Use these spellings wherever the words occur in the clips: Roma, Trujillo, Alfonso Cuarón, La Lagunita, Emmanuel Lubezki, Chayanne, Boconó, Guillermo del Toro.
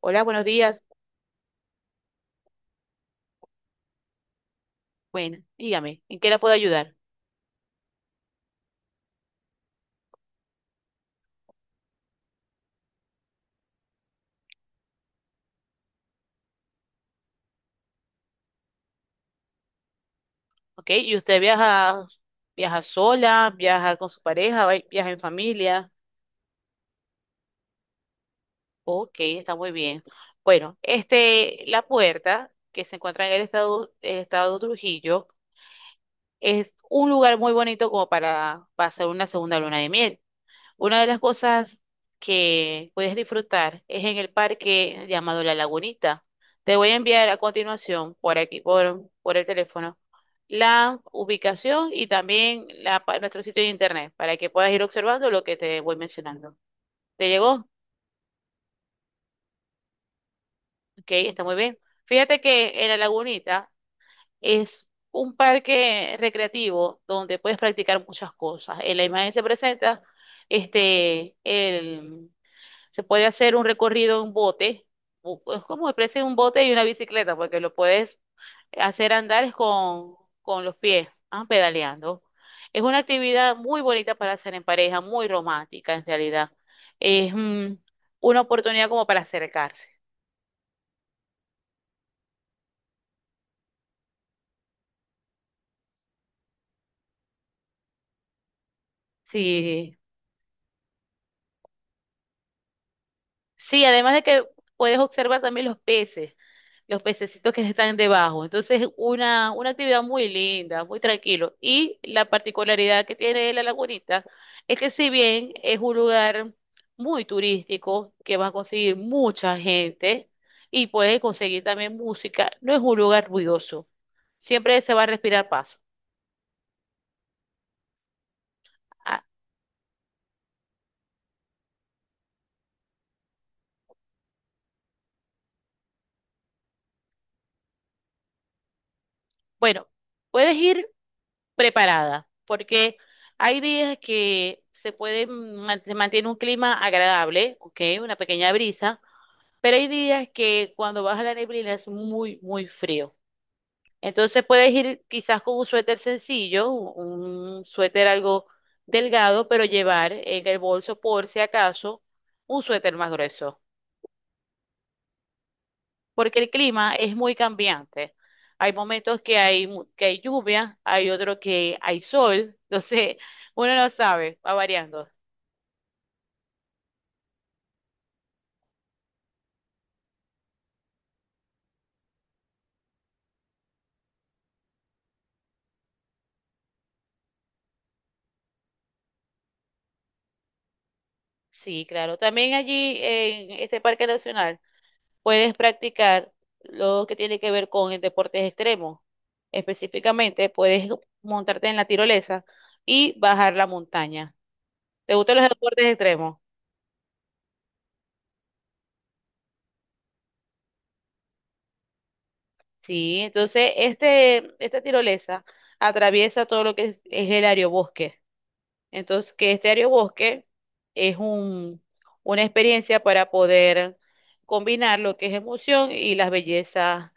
Hola, buenos días. Bueno, dígame, ¿en qué la puedo ayudar? ¿Ok? ¿Y usted viaja sola, viaja con su pareja, viaja en familia? Ok, está muy bien. Bueno, La Puerta que se encuentra en el estado de Trujillo es un lugar muy bonito como para pasar una segunda luna de miel. Una de las cosas que puedes disfrutar es en el parque llamado La Lagunita. Te voy a enviar a continuación por aquí, por el teléfono, la ubicación y también nuestro sitio de internet para que puedas ir observando lo que te voy mencionando. ¿Te llegó? Ok, está muy bien. Fíjate que en La Lagunita es un parque recreativo donde puedes practicar muchas cosas. En la imagen se presenta este, el Se puede hacer un recorrido en bote, es como especie un bote y una bicicleta, porque lo puedes hacer andar es con los pies, pedaleando. Es una actividad muy bonita para hacer en pareja, muy romántica en realidad. Es una oportunidad como para acercarse. Sí, sí, además de que puedes observar también los peces, los pececitos que están debajo. Entonces, una actividad muy linda, muy tranquilo. Y la particularidad que tiene La Lagunita es que si bien es un lugar muy turístico, que va a conseguir mucha gente y puedes conseguir también música, no es un lugar ruidoso. Siempre se va a respirar paz. Ah, bueno, puedes ir preparada, porque hay días que se mantiene un clima agradable, ¿ok? Una pequeña brisa, pero hay días que cuando baja la neblina es muy, muy frío. Entonces puedes ir quizás con un suéter sencillo, un suéter algo delgado, pero llevar en el bolso por si acaso un suéter más grueso, porque el clima es muy cambiante. Hay momentos que hay lluvia, hay otros que hay sol, entonces uno no sabe, va variando. Sí, claro. También allí en este parque nacional puedes practicar lo que tiene que ver con el deportes extremos. Específicamente puedes montarte en la tirolesa y bajar la montaña. ¿Te gustan los deportes extremos? Sí, entonces esta tirolesa atraviesa todo lo que es el aerobosque. Entonces, que este aerobosque es una experiencia para poder combinar lo que es emoción y las bellezas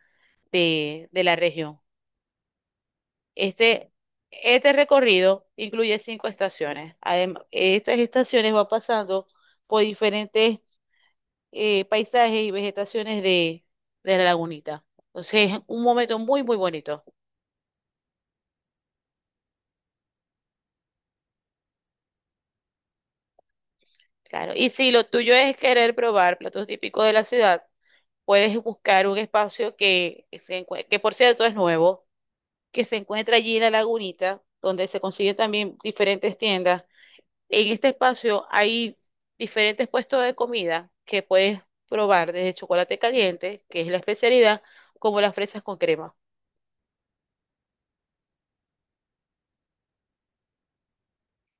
de la región. Este, este recorrido incluye cinco estaciones. Además, estas estaciones van pasando por diferentes paisajes y vegetaciones de La Lagunita. Entonces, es un momento muy, muy bonito. Claro. Y si lo tuyo es querer probar platos típicos de la ciudad, puedes buscar un espacio que por cierto es nuevo, que se encuentra allí en La Lagunita, donde se consiguen también diferentes tiendas. En este espacio hay diferentes puestos de comida que puedes probar, desde chocolate caliente, que es la especialidad, como las fresas con crema.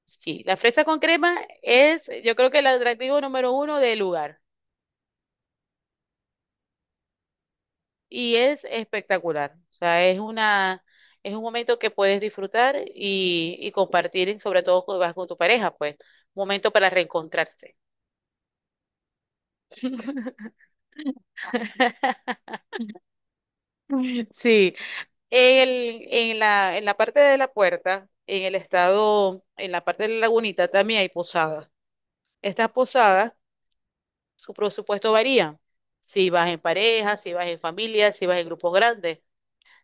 Sí, la fresa con crema es, yo creo que el atractivo número uno del lugar, y es espectacular. O sea, es un momento que puedes disfrutar y compartir, y sobre todo cuando vas con tu pareja, pues, momento para reencontrarse. Sí, en la parte de La Puerta, en el estado, en la parte de La Lagunita también hay posadas. Estas posadas, su presupuesto varía. Si vas en pareja, si vas en familia, si vas en grupos grandes.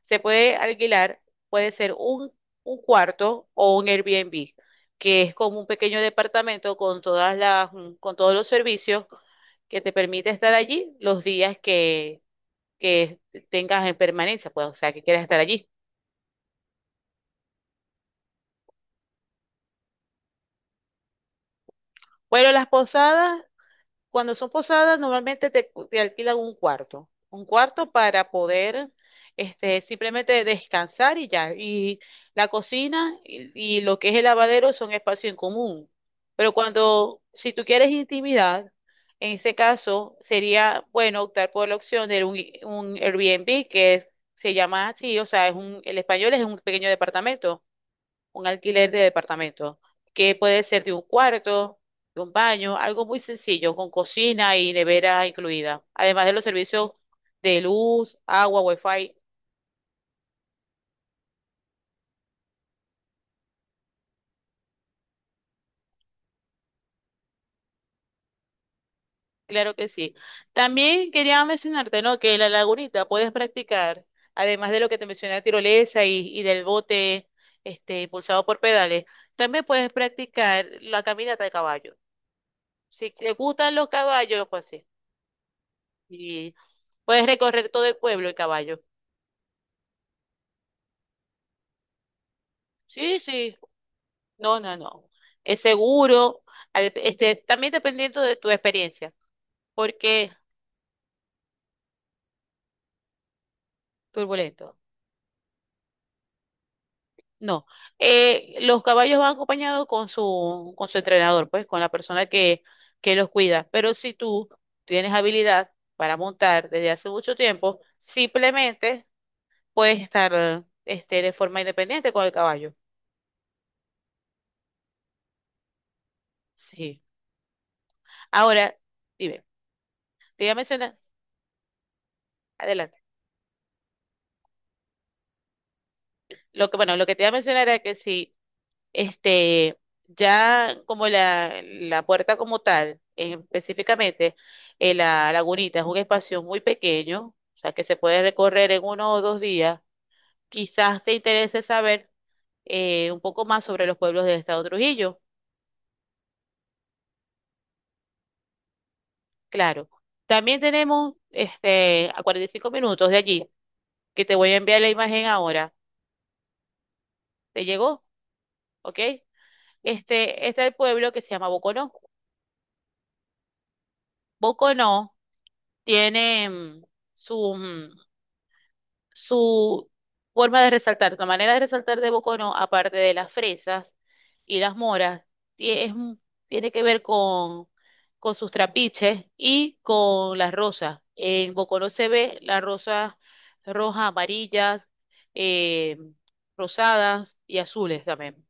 Se puede alquilar, puede ser un cuarto o un Airbnb, que es como un pequeño departamento con todas con todos los servicios que te permite estar allí los días que tengas en permanencia, pues, o sea, que quieras estar allí. Bueno, las posadas, cuando son posadas, normalmente te alquilan un cuarto, para poder simplemente descansar y ya. Y la cocina y lo que es el lavadero son espacio en común. Pero cuando, si tú quieres intimidad, en ese caso sería bueno optar por la opción de un Airbnb que se llama así, o sea, el español es un pequeño departamento, un alquiler de departamento, que puede ser de un cuarto, de un baño, algo muy sencillo, con cocina y nevera incluida, además de los servicios de luz, agua, wifi. Claro que sí. También quería mencionarte, ¿no? Que en La Lagunita puedes practicar, además de lo que te mencioné, tirolesa y del bote, impulsado por pedales, también puedes practicar la caminata de caballo. Si te gustan los caballos, pues sí. Y puedes recorrer todo el pueblo en caballo. Sí, sí. No, no, no. Es seguro. También dependiendo de tu experiencia. Porque turbulento. No. Los caballos van acompañados con con su entrenador, pues, con la persona que los cuida. Pero si tú tienes habilidad para montar desde hace mucho tiempo, simplemente puedes estar, de forma independiente con el caballo. Sí. Ahora, dime, te iba a mencionar, adelante. Lo que, bueno, lo que te iba a mencionar era que si Este, ya como La Puerta como tal, específicamente, La Lagunita es un espacio muy pequeño, o sea que se puede recorrer en 1 o 2 días. Quizás te interese saber un poco más sobre los pueblos del estado Trujillo. Claro. También tenemos a 45 minutos de allí, que te voy a enviar la imagen ahora. ¿Te llegó? ¿Ok? Este es el pueblo que se llama Boconó. Boconó tiene su mm, su forma de resaltar, la manera de resaltar de Bocono, aparte de las fresas y las moras, ti- es un- tiene que ver con, sus trapiches y con las rosas. En Bocono se ve las rosas rojas, amarillas, eh, rosadas y azules también.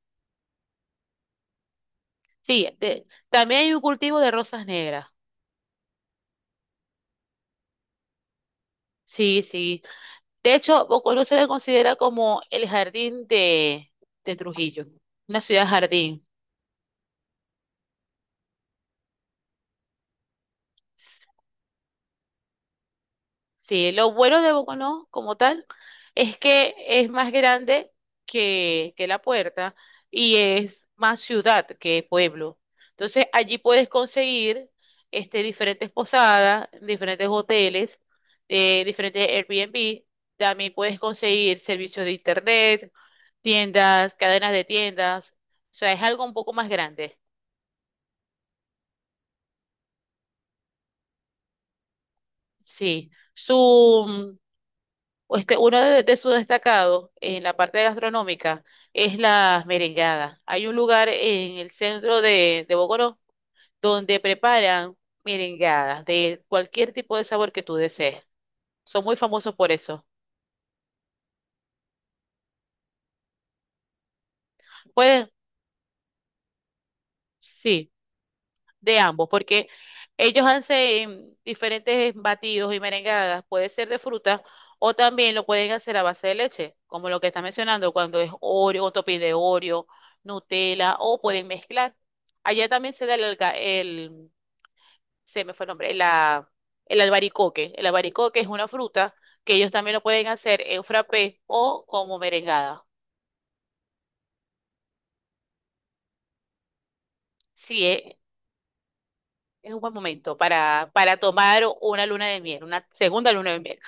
Sí, también hay un cultivo de rosas negras. Sí, sí. De hecho, Bocono se le considera como el jardín de Trujillo, una ciudad jardín. Sí, lo bueno de Boconó como tal es que es más grande que La Puerta y es más ciudad que pueblo. Entonces allí puedes conseguir diferentes posadas, diferentes hoteles, diferentes Airbnb. También puedes conseguir servicios de internet, tiendas, cadenas de tiendas. O sea, es algo un poco más grande. Sí. Uno de sus destacados en la parte gastronómica es las merengadas. Hay un lugar en el centro de Bogotá donde preparan merengadas de cualquier tipo de sabor que tú desees. Son muy famosos por eso. Pueden, sí. De ambos, porque ellos hacen diferentes batidos y merengadas, puede ser de fruta o también lo pueden hacer a base de leche, como lo que está mencionando cuando es Oreo, o topping de Oreo, Nutella o pueden mezclar. Allá también se da se me fue el nombre, el albaricoque. El albaricoque es una fruta que ellos también lo pueden hacer en frappé o como merengada. Sí, es un buen momento para tomar una luna de miel, una segunda luna de miel.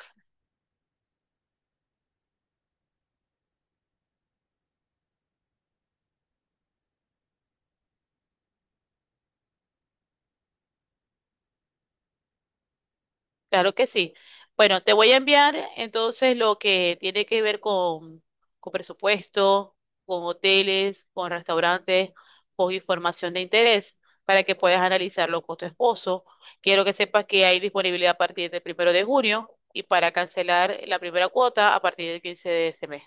Claro que sí. Bueno, te voy a enviar entonces lo que tiene que ver con presupuesto, con hoteles, con restaurantes, con información de interés para que puedas analizarlo con tu esposo. Quiero que sepas que hay disponibilidad a partir del 1 de junio y para cancelar la primera cuota a partir del 15 de este mes.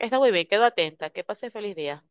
Está muy bien, quedo atenta. Que pases feliz día.